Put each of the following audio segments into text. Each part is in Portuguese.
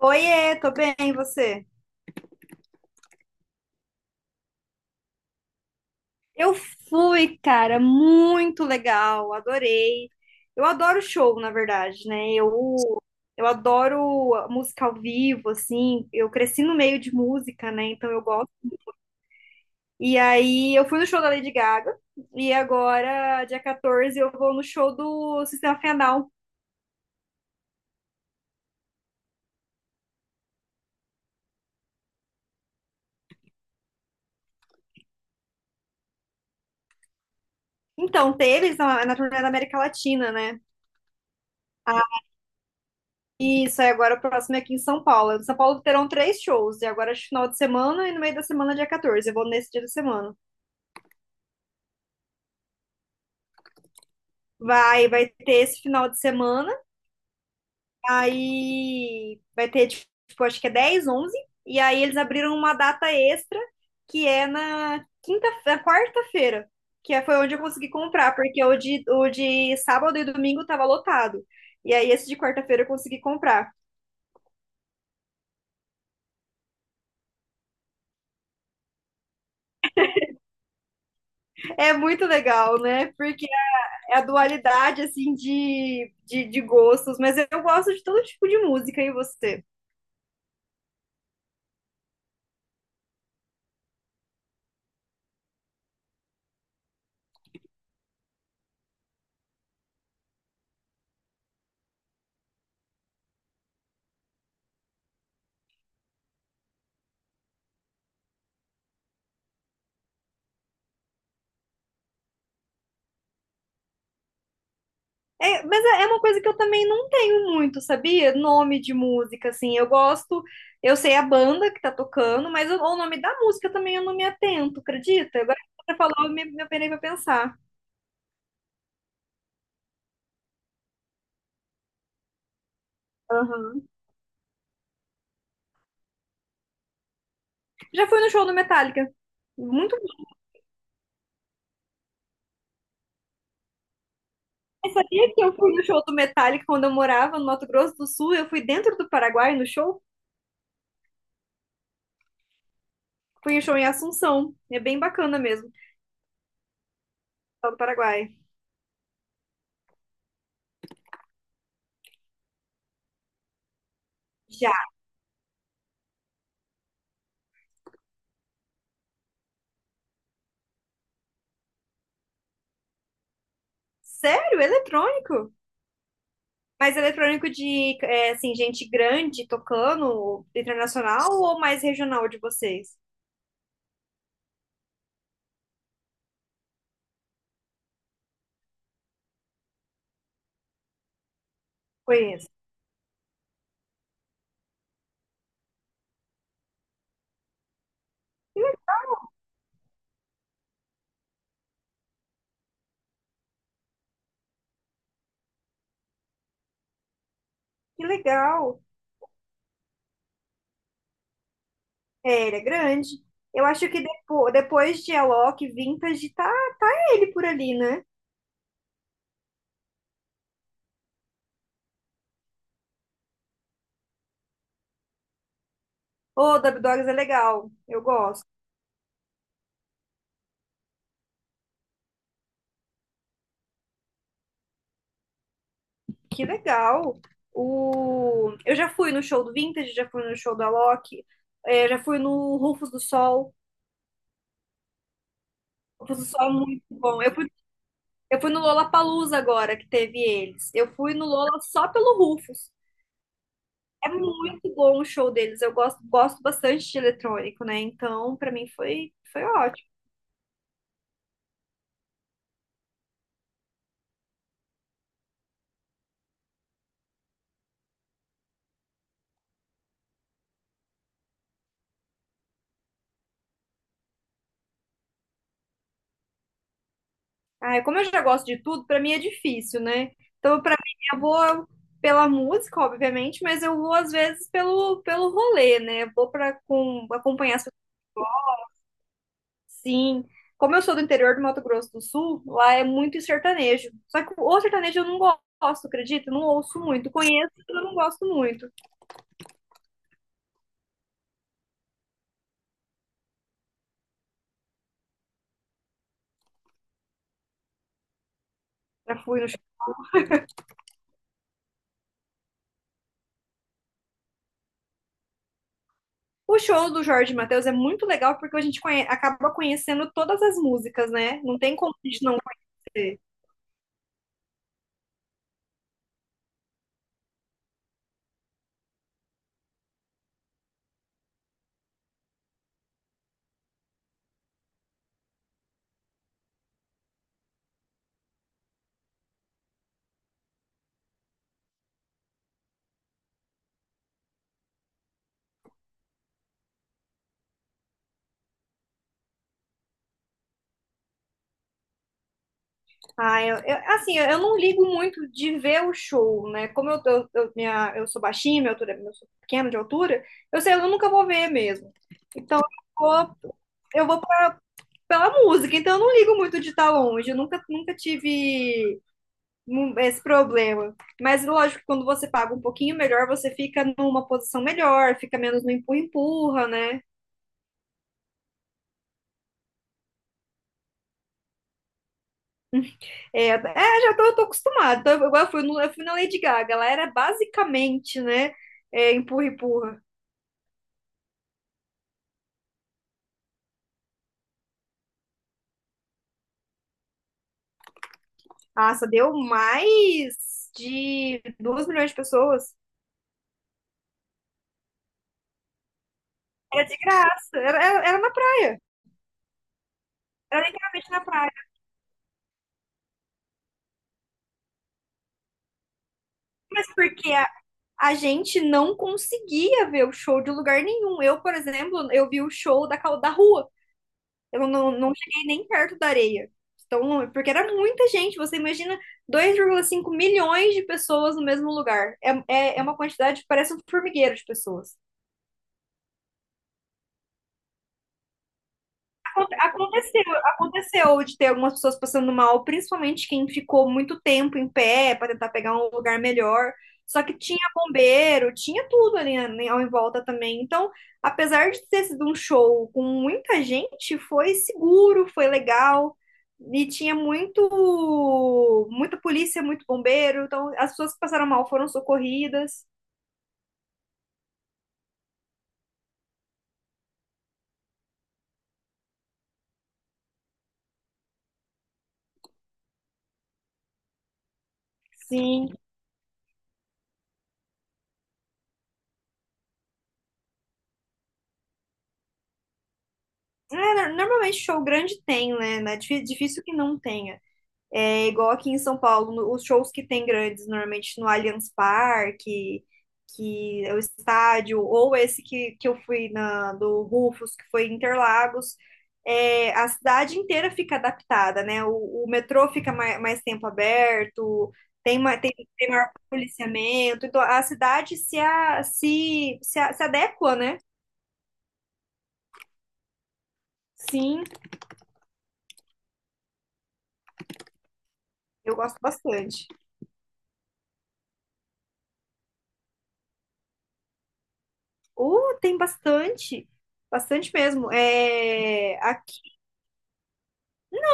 Oiê, tô bem, e você? Eu fui, cara, muito legal, adorei. Eu adoro show, na verdade, né? Eu adoro a música ao vivo, assim. Eu cresci no meio de música, né? Então eu gosto. E aí eu fui no show da Lady Gaga e agora, dia 14, eu vou no show do Sistema Final. Então, teve eles na turnê da América Latina, né? Isso, aí agora o próximo é aqui em São Paulo. Em São Paulo terão três shows, e agora é final de semana e no meio da semana, dia 14. Eu vou nesse dia da semana. Vai ter esse final de semana, aí vai ter, tipo, acho que é 10, 11, e aí eles abriram uma data extra, que é na quinta, na quarta-feira, foi onde eu consegui comprar, porque o de sábado e domingo tava lotado. E aí esse de quarta-feira eu consegui comprar. É muito legal, né? É a dualidade, assim, de gostos. Mas eu gosto de todo tipo de música, e você? É, mas é uma coisa que eu também não tenho muito, sabia? Nome de música, assim. Eu gosto, eu sei a banda que tá tocando, mas o nome da música também eu não me atento, acredita? Agora que você falou, me apenei pra pensar. Aham. Já fui no show do Metallica. Muito Mas sabia que eu fui no show do Metallica quando eu morava no Mato Grosso do Sul? Eu fui dentro do Paraguai no show. Fui em um show em Assunção. É bem bacana mesmo, o pessoal do Paraguai. Já. Sério? Eletrônico? Mas eletrônico de, é, assim, gente grande tocando, internacional ou mais regional de vocês? Conheço. Que legal. É, ele é grande. Eu acho que depois de Alok, Vintage, tá ele por ali, né? Ô, Dub Dogs é legal. Eu gosto. Que legal. Eu já fui no show do Vintage, já fui no show do Alok, é, já fui no Rufus do Sol. Rufus do Sol é muito bom. Eu fui no Lollapalooza agora, que teve eles. Eu fui no Lola só pelo Rufus. É muito bom o show deles. Eu gosto bastante de eletrônico, né? Então, pra mim foi ótimo. Ah, como eu já gosto de tudo, pra mim é difícil, né? Então, pra mim, eu vou pela música, obviamente, mas eu vou às vezes pelo rolê, né? Eu vou para acompanhar as Sim, como eu sou do interior do Mato Grosso do Sul, lá é muito sertanejo. Só que o sertanejo eu não gosto, acredita? Eu não ouço muito. Conheço, mas eu não gosto muito. Já fui no show. O show do Jorge Mateus é muito legal porque a gente acaba conhecendo todas as músicas, né? Não tem como a gente não conhecer. Ah, assim, eu não ligo muito de ver o show, né? Como eu- minha, Eu sou baixinha, minha altura, eu sou pequena de altura, eu sei, eu nunca vou ver mesmo. Então, vou, eu vou pela música, então eu não ligo muito de estar longe, eu nunca tive esse problema. Mas lógico que quando você paga um pouquinho melhor, você fica numa posição melhor, fica menos no empurra-empurra, né? Já eu tô acostumada. Então, eu fui no, eu fui na Lady Gaga. Ela era basicamente, né, é, empurra-empurra. Nossa, deu mais de 2 milhões de pessoas. Era de graça, era, era na praia, era literalmente na praia. Mas porque a gente não conseguia ver o show de lugar nenhum. Eu, por exemplo, eu vi o show da rua. Eu não cheguei nem perto da areia. Então, porque era muita gente. Você imagina 2,5 milhões de pessoas no mesmo lugar. É uma quantidade que parece um formigueiro de pessoas. Aconteceu de ter algumas pessoas passando mal, principalmente quem ficou muito tempo em pé para tentar pegar um lugar melhor. Só que tinha bombeiro, tinha tudo ali, né, ao em volta também. Então, apesar de ter sido um show com muita gente, foi seguro, foi legal. E tinha muita polícia, muito bombeiro. Então, as pessoas que passaram mal foram socorridas. Sim. É, normalmente show grande tem, né? É difícil que não tenha. É igual aqui em São Paulo, os shows que tem grandes, normalmente no Allianz Parque, que é o estádio, ou esse que eu fui na, do Rufus, que foi em Interlagos, é, a cidade inteira fica adaptada, né? O metrô fica mais tempo aberto, tem, tem maior policiamento, então a cidade se adequa, né? Sim, eu gosto bastante. Tem bastante, bastante mesmo. É,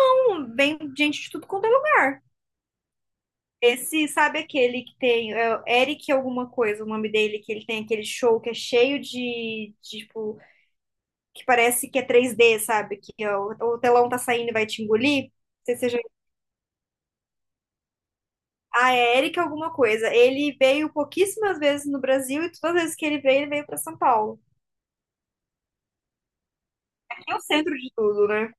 tipo, vem gente de tudo quanto é lugar. Esse, sabe aquele que tem, é o Eric alguma coisa, o nome dele, que ele tem aquele show que é cheio de, tipo, que parece que é 3D, sabe? Que ó, o telão tá saindo e vai te engolir. Não sei se seja... Ah, é Eric alguma coisa. Ele veio pouquíssimas vezes no Brasil e todas as vezes que ele veio pra São Paulo. Aqui é o centro de tudo, né?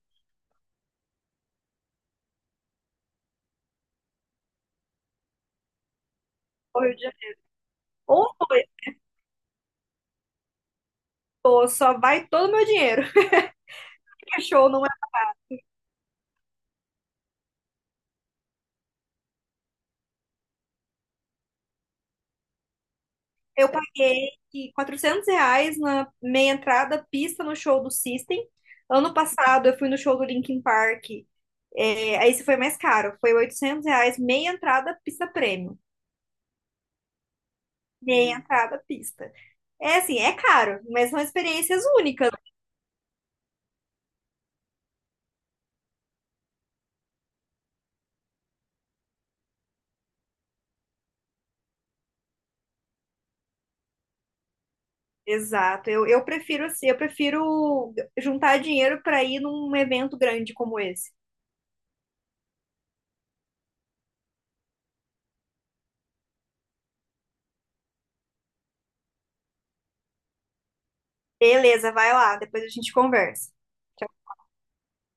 Ou Rio de Janeiro. Ou foi, ou só vai todo o meu dinheiro. show não Eu paguei R$ 400 na meia entrada, pista no show do System. Ano passado eu fui no show do Linkin Park. É, aí isso foi mais caro. Foi R$ 800, meia entrada, pista prêmio. Meia entrada, pista. É assim, é caro, mas são experiências únicas. Exato. Eu prefiro juntar dinheiro para ir num evento grande como esse. Beleza, vai lá, depois a gente conversa.